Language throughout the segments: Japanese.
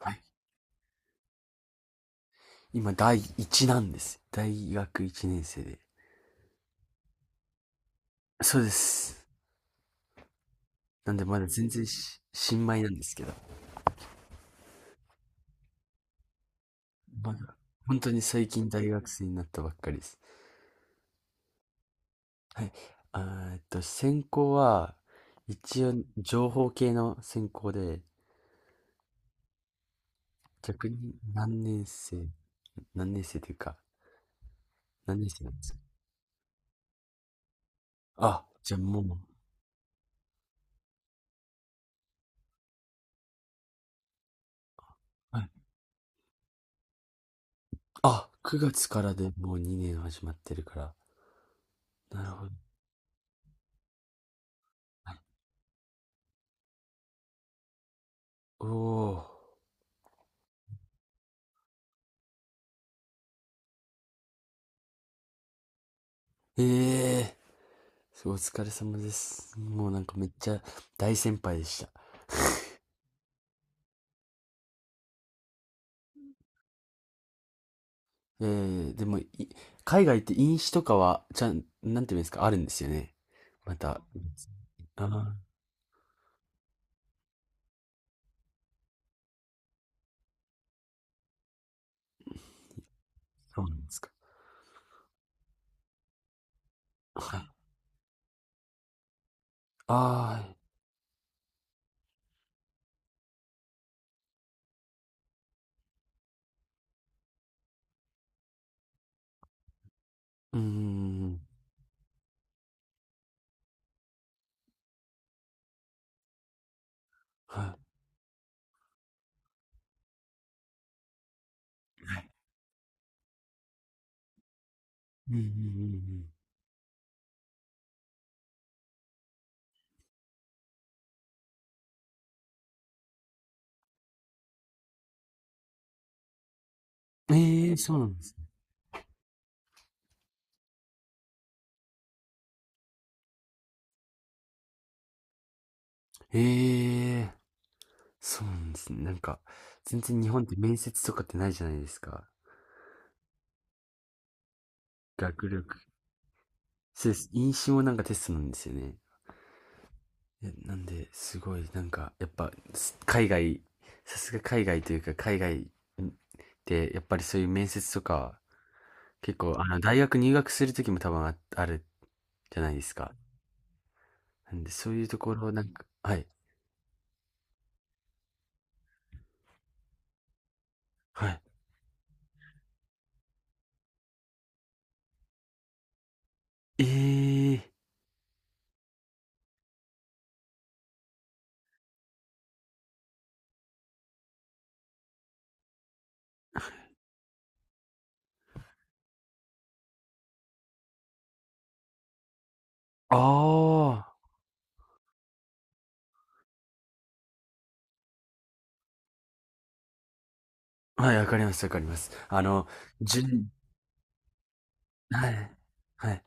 はい。今、第1なんです。大学1年生で。そうです。なんで、まだ全然新米なんですけど。まだ、本当に最近大学生になったばっかりです。はい。あ専攻は、一応、情報系の専攻で、逆に何年生というか、何年生なんですか？あ、じゃあもう、はい。あ、9月からでもう2年始まってるから。なるほど。おー。ええ、すごいお疲れ様です。もうなんかめっちゃ大先輩でした。でも、海外って飲酒とかは、ちゃん、なんていうんですか、あるんですよね。また。ああ、そうなんですか。はい。ああ、うーん、はい。うんうんうんうん。ええー、そうなんですね。ええー、そうなんですね。なんか、全然日本って面接とかってないじゃないですか。学力。そうです。飲酒もなんかテストなんですよね。いや、なんで、すごい、なんか、やっぱ、海外、さすが海外というか、海外で、やっぱりそういう面接とか、結構、あの、大学入学するときも多分あるじゃないですか。なんで、そういうところ、なんか、はい、はい。えーああー、はい、わかります、わかります。あの、じゅん、はい、はい。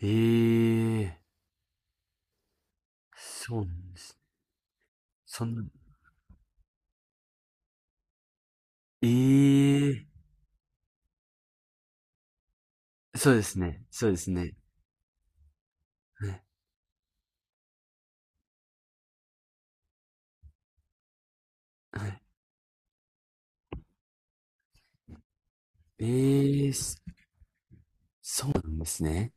えーそうなんですね。そんな、えーそうですね、そうですね。はい、ええ、そうなんですね。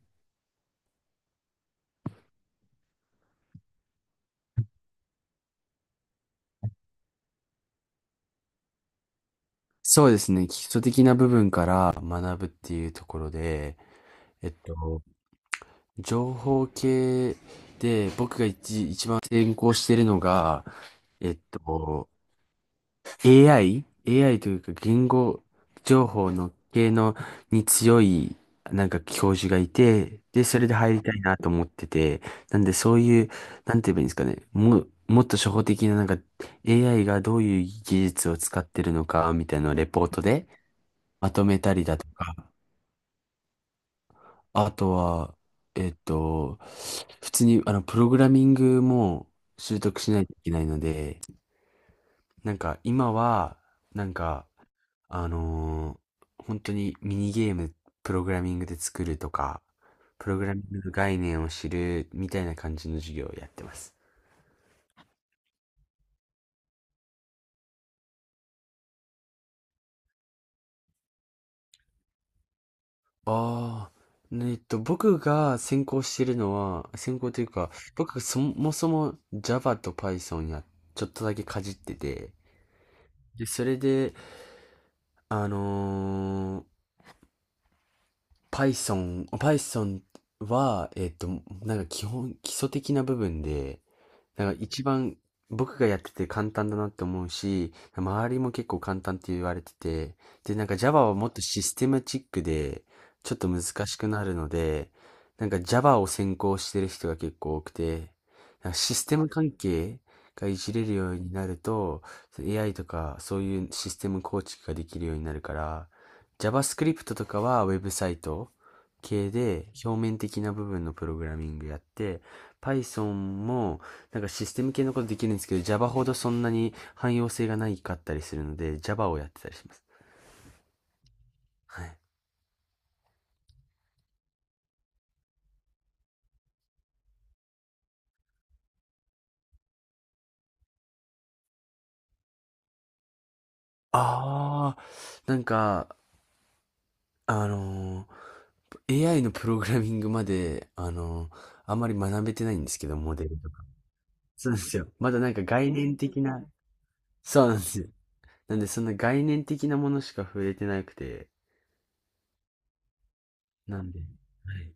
そうですね。基礎的な部分から学ぶっていうところで、えっと、情報系で僕が一番専攻しているのが、えっと、AI?AI というか言語情報の系のに強いなんか教授がいて、で、それで入りたいなと思ってて、なんでそういう、なんて言えばいいんですかね、もっと初歩的ななんか AI がどういう技術を使ってるのかみたいなのをレポートでまとめたりだとか、あとは、えっと、普通にあのプログラミングも習得しないといけないので、なんか今は、なんか、あのー本当にミニゲーム、プログラミングで作るとか、プログラミングの概念を知るみたいな感じの授業をやってます。ああ、ねえっと、僕が専攻してるのは、専攻というか、僕がそもそも Java と Python やちょっとだけかじってて、で、それで、あのー Python は、なんか基礎的な部分で、なんか一番僕がやってて簡単だなって思うし、周りも結構簡単って言われてて、で、なんか Java はもっとシステマチックで、ちょっと難しくなるので、なんか Java を専攻してる人が結構多くて、なんかシステム関係がいじれるようになると、AI とかそういうシステム構築ができるようになるから、JavaScript とかはウェブサイト系で表面的な部分のプログラミングやって、Python もなんかシステム系のことできるんですけど、Java ほどそんなに汎用性がないかったりするので、Java をやってたりします。はい。あなんか、あのー AI のプログラミングまで、あんまり学べてないんですけど、モデルとか。そうなんですよ。まだなんか概念的な、そうなんですよ。なんでそんな概念的なものしか触れてなくて、なんで、はい。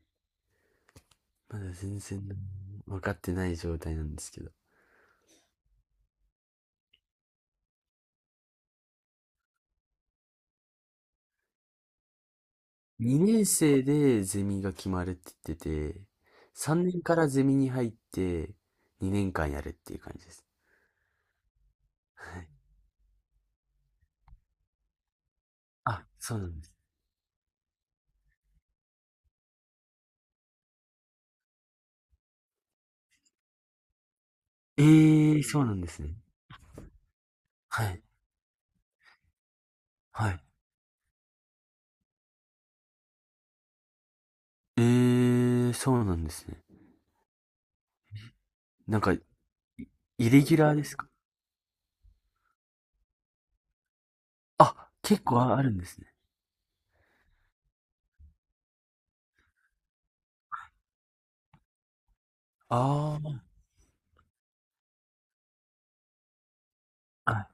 まだ全然分かってない状態なんですけど。2年生でゼミが決まるって言ってて、3年からゼミに入って2年間やるっていう感じです。はい。あ、そうなんです。えー、そうなんですね。はい。はい。えー、そうなんですね。なんか、イレギュラーですか？あ、結構あるんですね。ああ、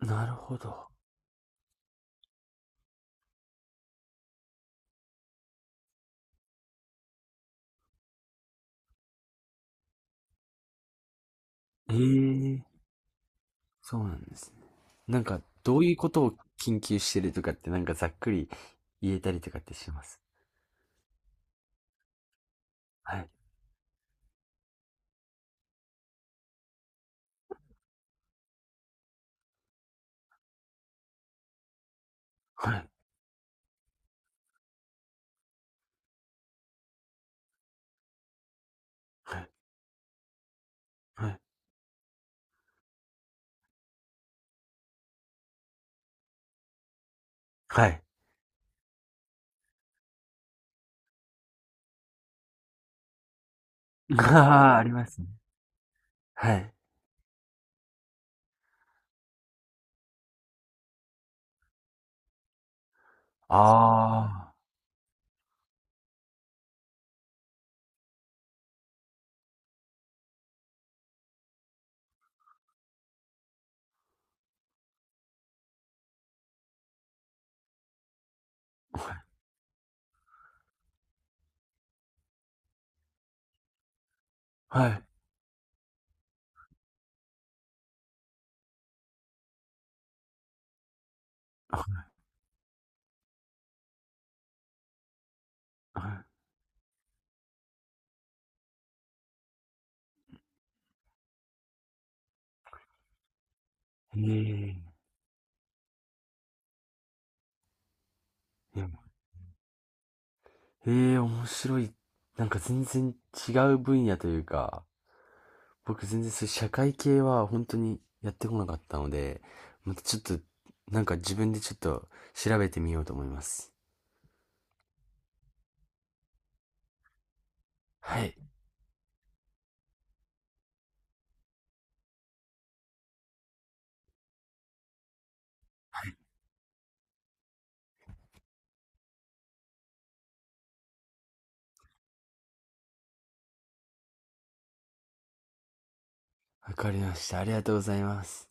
あ、なるほど。ええ、そうなんですね。なんか、どういうことを研究してるとかって、なんかざっくり言えたりとかってします？はい。はい。はい。はい。はい。ああ、ありますね。はい。ああ、はい。あ、はい。ええ、ええ、面白い。なんか全然違う分野というか、僕全然そういう社会系は本当にやってこなかったので、またちょっと、なんか自分でちょっと調べてみようと思います。はい、わかりました。ありがとうございます。